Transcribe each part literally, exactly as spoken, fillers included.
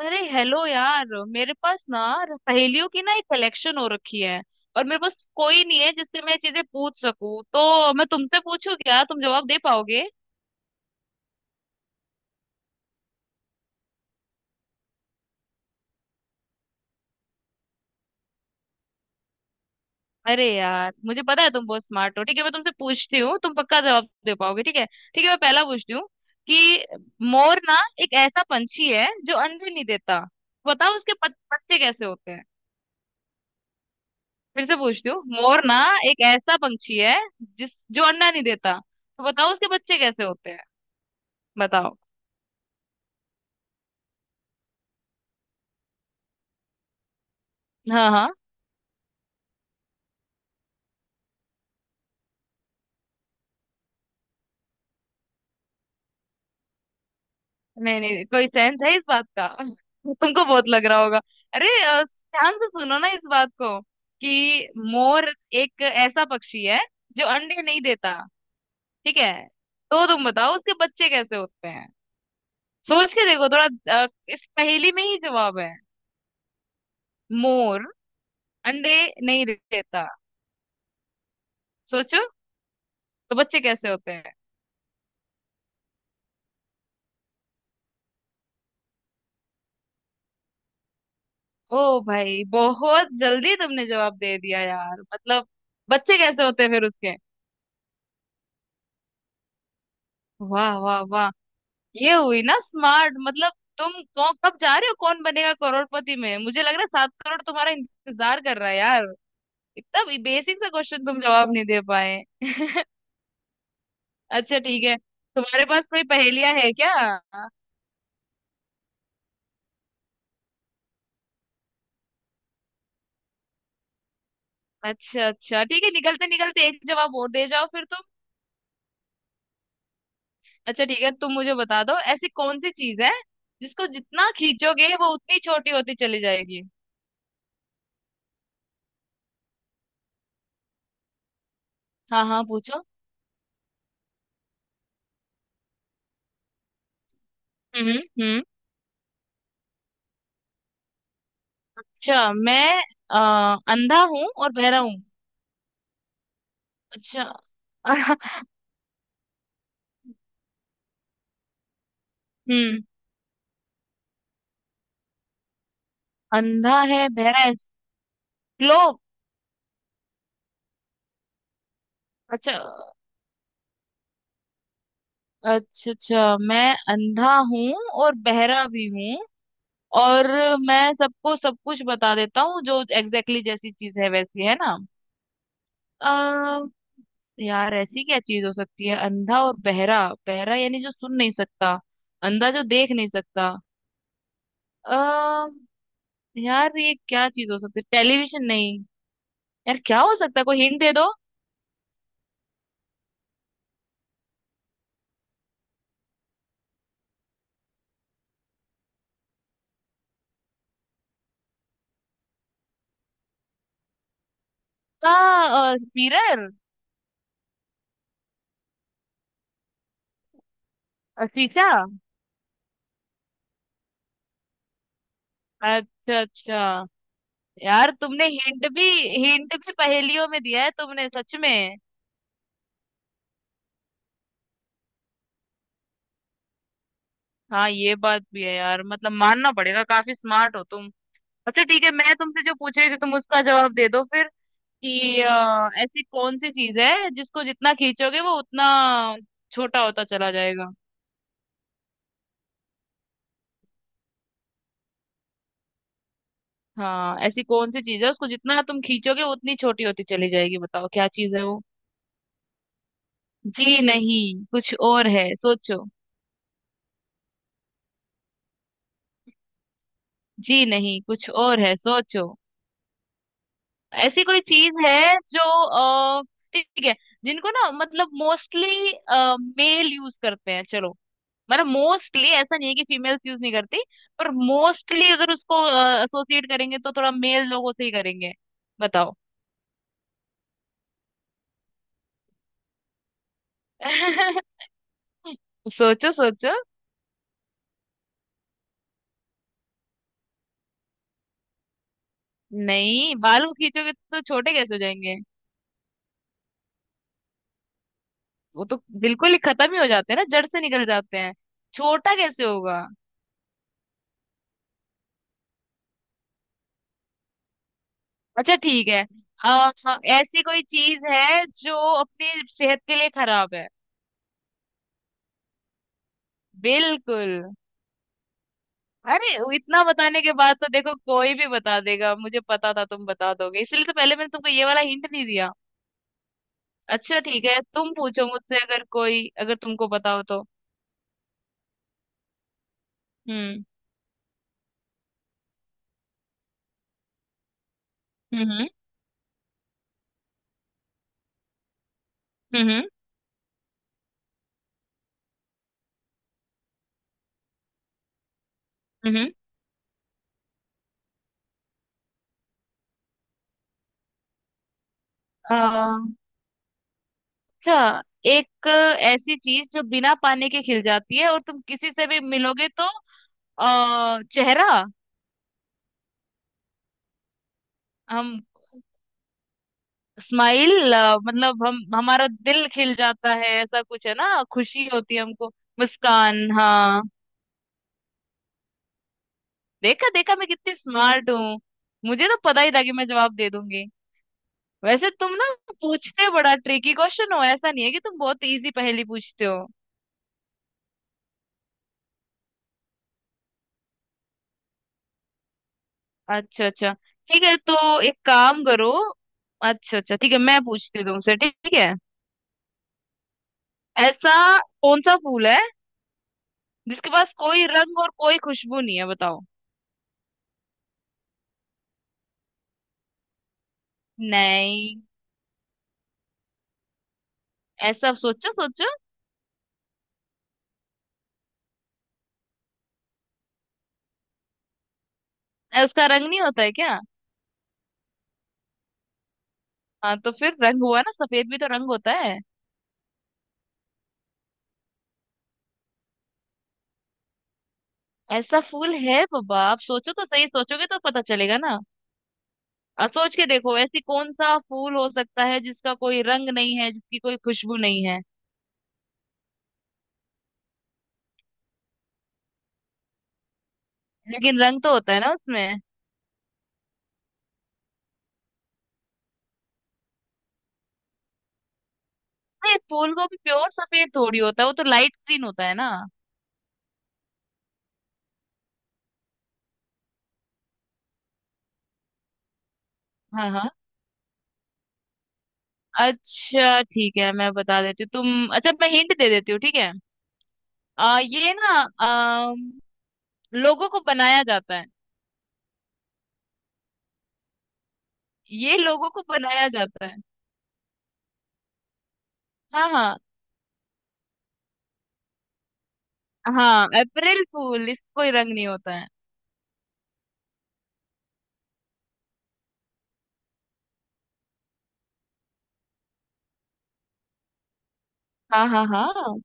अरे हेलो यार, मेरे पास ना पहेलियों की ना एक कलेक्शन हो रखी है। और मेरे पास कोई नहीं है जिससे मैं चीजें पूछ सकूं, तो मैं तुमसे पूछूं। क्या तुम जवाब दे पाओगे? अरे यार, मुझे पता है तुम बहुत स्मार्ट हो। ठीक है, मैं तुमसे पूछती हूँ, तुम पक्का जवाब दे पाओगे। ठीक है, ठीक है, मैं पहला पूछती हूँ कि मोर ना एक ऐसा पंछी है जो अंडे नहीं देता। बताओ उसके पत- बच्चे कैसे होते हैं। फिर से पूछती हूँ, मोर ना एक ऐसा पंछी है जिस जो अंडा नहीं देता। तो बताओ उसके बच्चे कैसे होते हैं। बताओ। हाँ हाँ। नहीं नहीं, कोई सेंस है इस बात का? तुमको बहुत लग रहा होगा। अरे, अ, ध्यान से सुनो ना इस बात को, कि मोर एक ऐसा पक्षी है जो अंडे नहीं देता। ठीक है? तो तुम बताओ उसके बच्चे कैसे होते हैं। सोच के देखो थोड़ा। अ, इस पहेली में ही जवाब है। मोर अंडे नहीं देता। सोचो, तो बच्चे कैसे होते हैं। ओ भाई, बहुत जल्दी तुमने जवाब दे दिया यार, मतलब। बच्चे कैसे होते हैं फिर उसके? वाह वाह वाह, ये हुई ना स्मार्ट, मतलब। तुम कौन कब जा रहे हो कौन बनेगा करोड़पति में, मुझे लग रहा है सात करोड़ तुम्हारा इंतजार कर रहा है यार। इतना बेसिक सा क्वेश्चन तुम जवाब नहीं दे पाए। अच्छा ठीक है, तुम्हारे पास कोई पहेलियां है क्या? अच्छा अच्छा ठीक है, निकलते निकलते एक जवाब और दे जाओ फिर तुम। अच्छा ठीक है, तुम मुझे बता दो, ऐसी कौन सी चीज है जिसको जितना खींचोगे वो उतनी छोटी होती चली जाएगी। हाँ हाँ पूछो। हम्म हम्म। अच्छा मैं अ, अंधा हूँ और बहरा हूँ। अच्छा। हम्म। अंधा है, बहरा है, लोग। अच्छा अच्छा। अच्छा मैं अंधा हूँ और बहरा भी हूँ, और मैं सबको सब कुछ बता देता हूँ, जो एग्जैक्टली जैसी चीज है वैसी, है ना? आ, यार ऐसी क्या चीज हो सकती है? अंधा और बहरा, बहरा यानी जो सुन नहीं सकता, अंधा जो देख नहीं सकता। आ, यार ये क्या चीज हो सकती है? टेलीविजन? नहीं। यार क्या हो सकता है, कोई हिंट दे दो। आ, आ, मिरर। शीशा। अच्छा अच्छा। यार तुमने हिंट भी, हिंट भी पहेलियों में दिया है तुमने सच में। हाँ ये बात भी है यार, मतलब मानना पड़ेगा, काफी स्मार्ट हो तुम। अच्छा ठीक है, मैं तुमसे जो पूछ रही थी तुम उसका जवाब दे दो फिर, कि अ, ऐसी कौन सी चीज है जिसको जितना खींचोगे वो उतना छोटा होता चला जाएगा। हाँ, ऐसी कौन सी चीज है उसको जितना तुम खींचोगे वो उतनी छोटी होती चली जाएगी, बताओ क्या चीज है वो। जी नहीं, कुछ और है, सोचो। जी नहीं, कुछ और है, सोचो। ऐसी कोई चीज है जो अ, ठीक है, जिनको ना, मतलब मोस्टली मेल यूज करते हैं। चलो, मतलब मोस्टली ऐसा नहीं है कि फीमेल्स यूज नहीं करती, पर मोस्टली अगर उसको एसोसिएट करेंगे तो थोड़ा मेल लोगों से ही करेंगे। बताओ। सोचो सोचो। नहीं, बाल को खींचोगे तो छोटे कैसे हो जाएंगे? वो तो बिल्कुल ही खत्म ही हो जाते हैं ना, जड़ से निकल जाते हैं। छोटा कैसे होगा? अच्छा ठीक है। आ, ऐसी कोई चीज है जो अपनी सेहत के लिए खराब है। बिल्कुल। अरे वो इतना बताने के बाद तो देखो कोई भी बता देगा, मुझे पता था तुम बता दोगे, इसलिए तो पहले मैंने तुमको ये वाला हिंट नहीं दिया। अच्छा ठीक है, तुम पूछो मुझसे अगर कोई, अगर तुमको बताओ तो। हम्म। हम्म। हम्म। हम्म। आ, अच्छा, एक ऐसी चीज जो बिना पानी के खिल जाती है, और तुम किसी से भी मिलोगे तो। आ, चेहरा। हम। स्माइल, मतलब हम, हमारा दिल खिल जाता है, ऐसा कुछ है ना, खुशी होती है हमको। मुस्कान, हाँ। देखा देखा, मैं कितनी स्मार्ट हूँ, मुझे तो पता ही था कि मैं जवाब दे दूंगी। वैसे तुम ना पूछते बड़ा ट्रिकी क्वेश्चन हो, ऐसा नहीं है कि तुम बहुत इजी पहेली पूछते हो। अच्छा अच्छा ठीक है, तो एक काम करो। अच्छा अच्छा ठीक है, मैं पूछती हूँ तुमसे, ठीक है? ऐसा कौन सा फूल है जिसके पास कोई रंग और कोई खुशबू नहीं है, बताओ। नहीं। ऐसा, सोचो सोचो। अ, उसका रंग नहीं होता है क्या? हाँ तो फिर रंग हुआ ना, सफेद भी तो रंग होता है। ऐसा फूल है बाबा, आप सोचो तो सही, सोचोगे तो पता चलेगा ना। और सोच के देखो, ऐसी कौन सा फूल हो सकता है जिसका कोई रंग नहीं है, जिसकी कोई खुशबू नहीं है। लेकिन रंग तो होता है ना उसमें? नहीं, फूल को भी प्योर सफेद थोड़ी होता है, वो तो लाइट ग्रीन होता है ना। हाँ हाँ। अच्छा ठीक है, मैं बता देती हूँ तुम, अच्छा मैं हिंट दे देती हूँ, ठीक है? आ, ये ना, आ, लोगों को बनाया जाता है। ये लोगों को बनाया जाता है। हाँ हाँ, हाँ अप्रैल फूल, इसको ही रंग नहीं होता है। हाँ हाँ हाँ।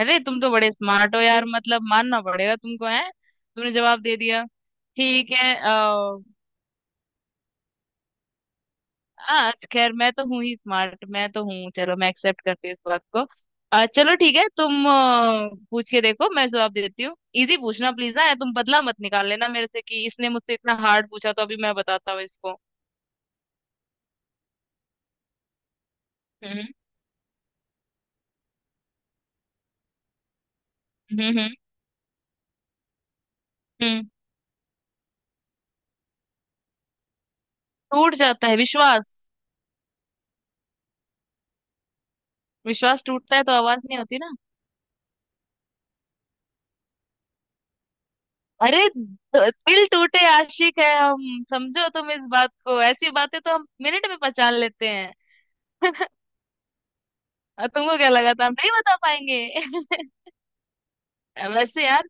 अरे तुम तो बड़े स्मार्ट हो यार, मतलब मानना पड़ेगा तुमको है, तुमने जवाब दे दिया। ठीक है। अ, हाँ खैर, मैं तो हूँ ही स्मार्ट, मैं तो हूँ, चलो मैं एक्सेप्ट करती हूँ इस बात को। अ, चलो ठीक है, तुम अ, पूछ के देखो, मैं जवाब देती हूँ। इजी पूछना प्लीज ना तुम, बदला मत निकाल लेना मेरे से, कि इसने मुझसे इतना हार्ड पूछा तो अभी मैं बताता हूँ इसको। हम्म। हम्म। हम्म। हम्म। टूट जाता है विश्वास। विश्वास टूटता है तो आवाज नहीं होती ना। अरे, द- दिल टूटे आशिक है हम, समझो तुम इस बात को, ऐसी बातें तो हम मिनट में पहचान लेते हैं। और तुमको क्या लगा था, हम नहीं बता पाएंगे? वैसे यार।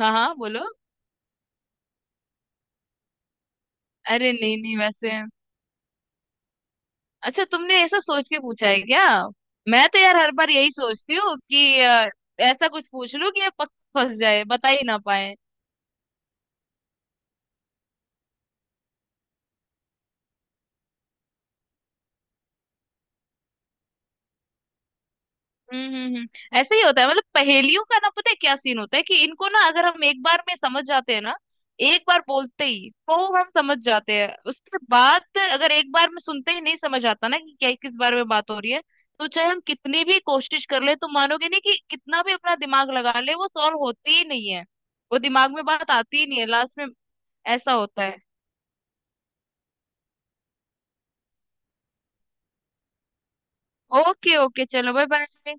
हाँ हाँ बोलो। अरे नहीं नहीं, वैसे। अच्छा, तुमने ऐसा सोच के पूछा है क्या? मैं तो यार हर बार यही सोचती हूँ कि अ, ऐसा कुछ पूछ लूं कि ये पक फंस जाए, बता ही ना पाए। हम्म। हम्म। हम्म। ऐसे ही होता है, मतलब पहेलियों का ना पता है क्या सीन होता है, कि इनको ना अगर हम एक बार में समझ जाते हैं ना, एक बार बोलते ही तो हम समझ जाते हैं, उसके बाद अगर एक बार में सुनते ही नहीं समझ आता ना कि क्या, किस बारे में बात हो रही है, तो चाहे हम कितनी भी कोशिश कर ले तो मानोगे नहीं, कि कितना भी अपना दिमाग लगा ले वो सॉल्व होती ही नहीं है। वो दिमाग में बात आती ही नहीं है लास्ट में। ऐसा होता है। ओके ओके, चलो बाय बाय।